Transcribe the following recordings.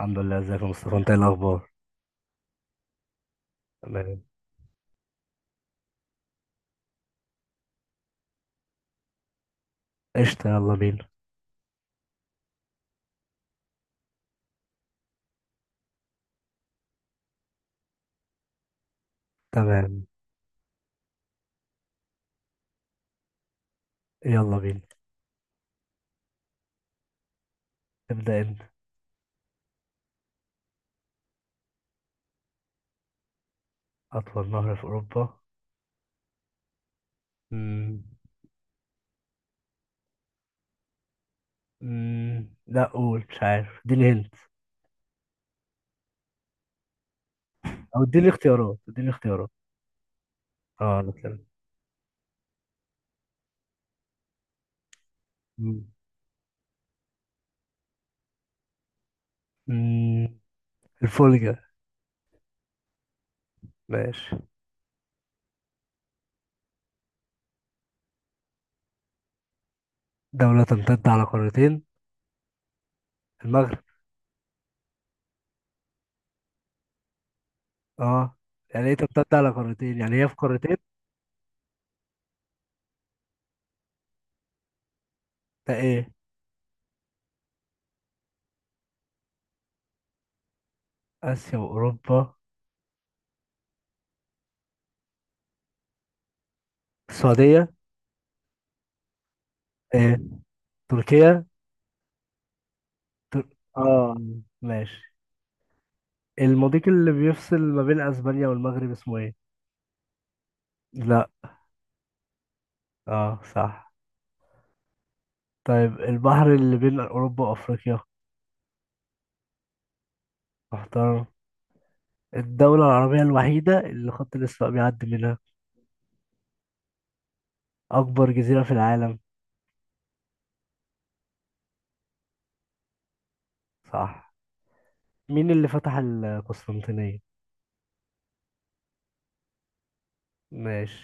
الحمد لله. ازيك يا مصطفى؟ انت ايه الاخبار؟ تمام. قشطة، يلا بينا. تمام، يلا بينا. ابدأ انت. اطول نهر في اوروبا. مم. مم. لا، قول مش عارف، اديني هنت او اديني اختيارات، اديني اختيارات. اه، انا تمام. مم. مم. الفولجا. ماشي. دولة تمتد على قارتين؟ المغرب. اه، يعني ايه تمتد على قارتين؟ يعني هي في قارتين؟ ده ايه؟ اسيا واوروبا. السعودية. ايه؟ تركيا. تر... اه، ماشي. المضيق اللي بيفصل ما بين اسبانيا والمغرب اسمه ايه؟ لا. اه، صح. طيب البحر اللي بين اوروبا وافريقيا؟ محترم. الدولة العربية الوحيدة اللي خط الاسواق بيعدي منها. اكبر جزيرة في العالم. صح. مين اللي فتح القسطنطينية؟ ماشي.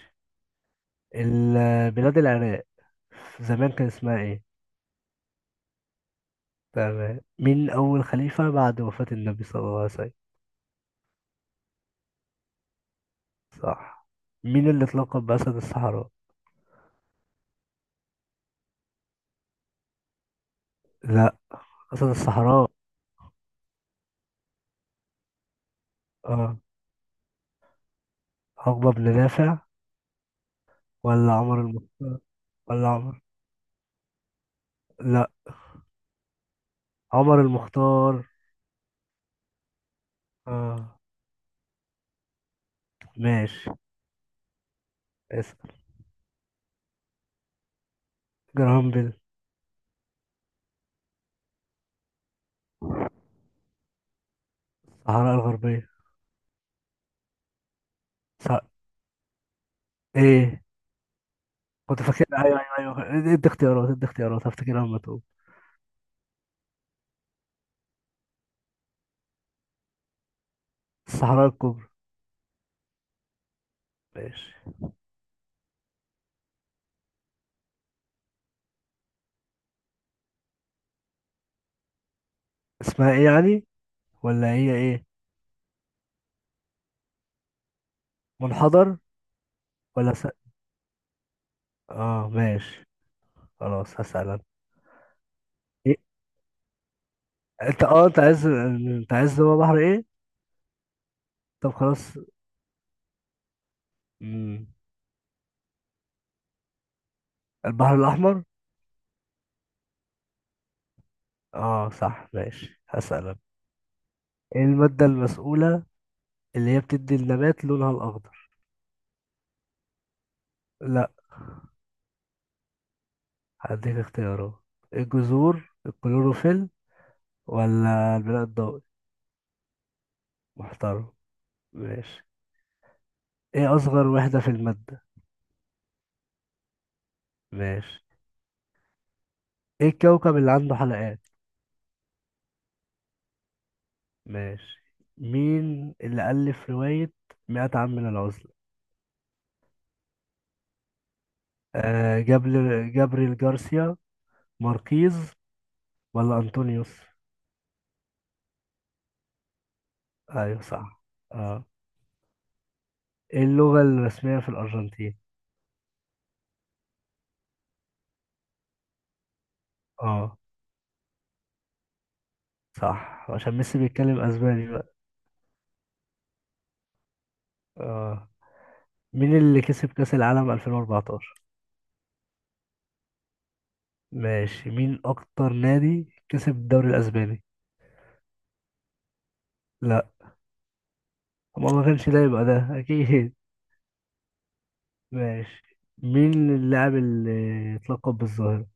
بلاد العراق زمان كان اسمها ايه؟ تمام. مين اول خليفة بعد وفاة النبي صلى الله عليه وسلم؟ صح. مين اللي اتلقب بأسد الصحراء؟ لا. أسد الصحراء. اه، عقبة بن نافع ولا عمر المختار ولا عمر؟ لا. عمر المختار. اه، ماشي. اسأل. جرهام بيل. الصحراء الغربية. صح. ايه؟ كنت فاكر. ايوه ايوه ايوه، ادي اختيارات ادي اختيارات، هفتكرها لما تقول. الصحراء الكبرى. ماشي. اسمها ايه يعني ولا هي ايه؟ منحدر. ولا س... اه، ماشي، خلاص هسأل انا. إيه؟ انت اه انت عايز، انت عايز هو بحر ايه؟ طب خلاص. مم. البحر الاحمر. اه، صح، ماشي هسأل أنا. ايه المادة المسؤولة اللي هي بتدي النبات لونها الأخضر؟ لا، هديك اختيارات. الجذور، الكلوروفيل، ولا البناء الضوئي؟ محترم. ماشي. ايه أصغر وحدة في المادة؟ ماشي. ايه الكوكب اللي عنده حلقات؟ ماشي. مين اللي ألف رواية مئة عام من العزلة؟ آه، جابريل جارسيا ماركيز ولا أنطونيوس؟ أيوه، صح. اه. ايه اللغة الرسمية في الأرجنتين؟ اه، صح، عشان ميسي بيتكلم اسباني بقى. اه. مين اللي كسب كأس العالم 2014؟ ماشي. مين اكتر نادي كسب الدوري الاسباني؟ لا. ما كانش ده، يبقى ده اكيد. ماشي. مين اللاعب اللي اتلقب بالظاهرة؟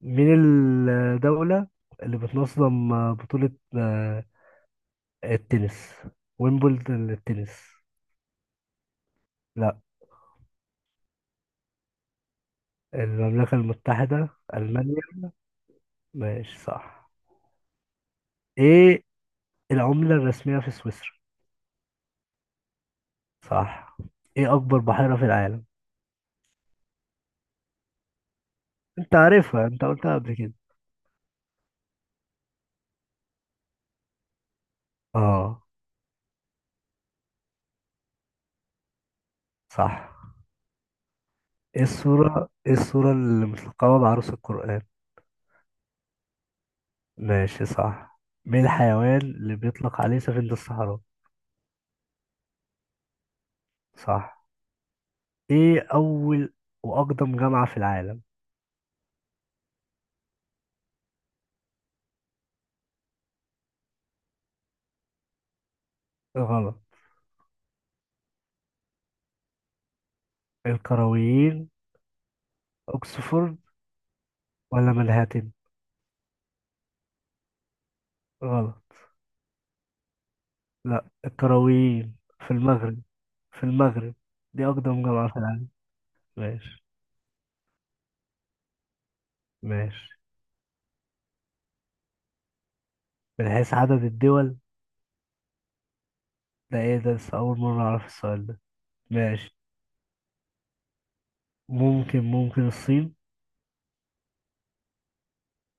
مين الدولة اللي بتنظم بطولة آه، التنس، ويمبلدون للتنس؟ لا. المملكة المتحدة. ألمانيا. ماشي، صح. ايه العملة الرسمية في سويسرا؟ صح. ايه اكبر بحيرة في العالم؟ انت عارفها، انت قلتها قبل كده. اه، صح. ايه السورة اللي متلقبة بعروس القرآن؟ ماشي، صح. مين الحيوان اللي بيطلق عليه سفينة الصحراء؟ صح. ايه اول واقدم جامعة في العالم؟ غلط. القرويين. اوكسفورد ولا منهاتن؟ غلط. لا، القرويين، في المغرب، في المغرب، دي اقدم جامعة في العالم. ماشي. ماشي. من حيث عدد الدول. ده ايه ده؟ لسه اول مرة اعرف السؤال ده. ماشي. ممكن الصين.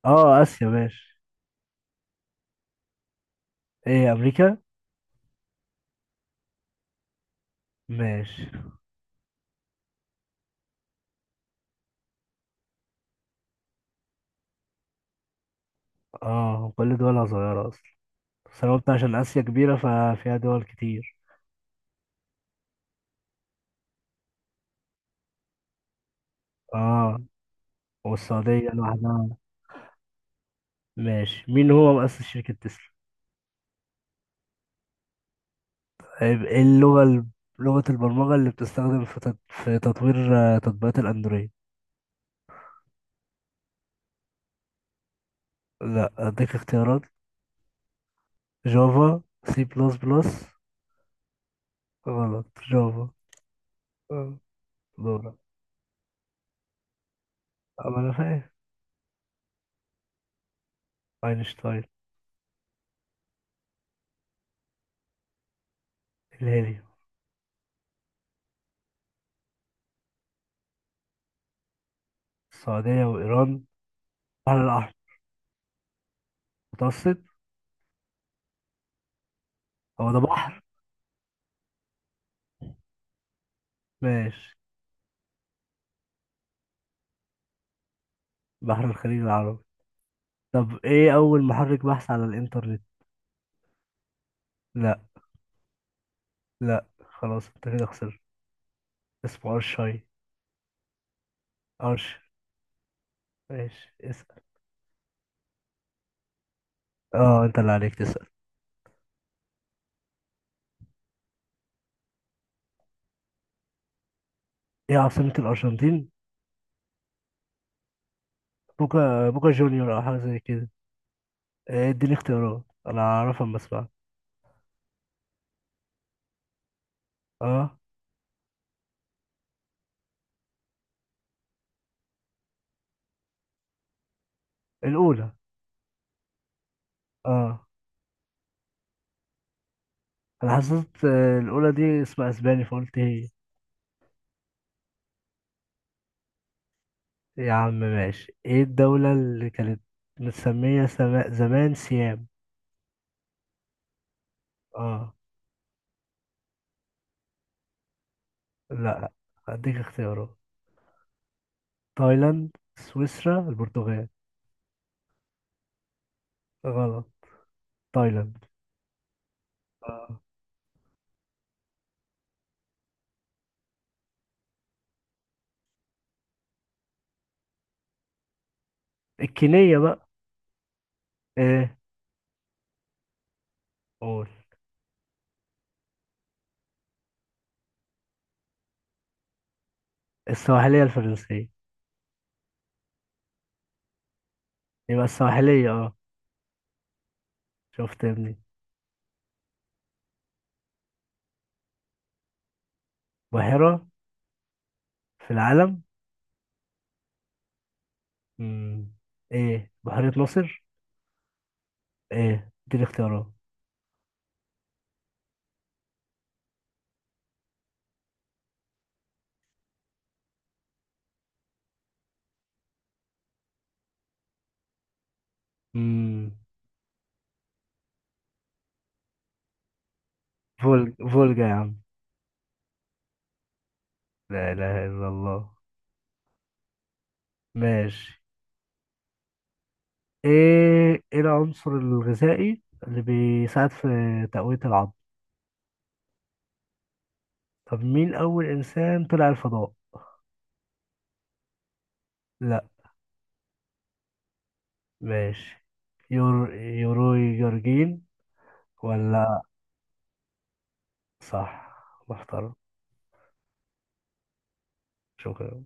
اه، اسيا. ماشي. ايه، امريكا. ماشي. اه، كل دولها صغيرة اصلا. بس انا قلت عشان اسيا كبيرة ففيها دول كتير. اه، والسعودية لوحدها. ماشي. مين هو مؤسس شركة تسلا؟ طيب ايه لغة البرمجة اللي بتستخدم في تطوير تطبيقات الاندرويد؟ لا، اديك اختيارات. جافا، سي بلس بلس. غلط، جافا. آه. دورة. أما أنا فاهم. أينشتاين. الهيليوم. السعودية وإيران. بحر الأحمر. متوسط. هو ده بحر؟ ماشي. بحر الخليج العربي. طب إيه أول محرك بحث على الإنترنت؟ لا. لا، خلاص أنت كده خسرت. اسمه أرشاي. أرش. ماشي، اسأل. اه، أنت اللي عليك تسأل. إيه عاصمة الأرجنتين؟ بوكا بوكا جونيور أو حاجة زي كده. إيه، اديني اختيارات، أنا أعرفها أما أسمعها. اه. الأولى. اه. أنا حسيت، الأولى دي اسمها أسباني فقلت هي. يا عم، ماشي. ايه الدولة اللي كانت متسمية زمان سيام؟ اه. لا، هديك اختيارات. تايلاند، سويسرا، البرتغال. غلط. تايلاند. اه. الكينية بقى. ايه؟ قول. السواحلية، الفرنسية. يبقى السواحلية. اه. شفت يا ابني. بحيرة في العالم. مم. ايه؟ بحيرة ناصر. ايه دي الاختيارات. مم. فولجا يا عم. لا اله الا الله. ماشي. ايه العنصر الغذائي اللي بيساعد في تقوية العظم؟ طب مين اول انسان طلع الفضاء؟ لا. ماشي. يور، يوروي جورجين. ولا. صح. محترم. شكرا.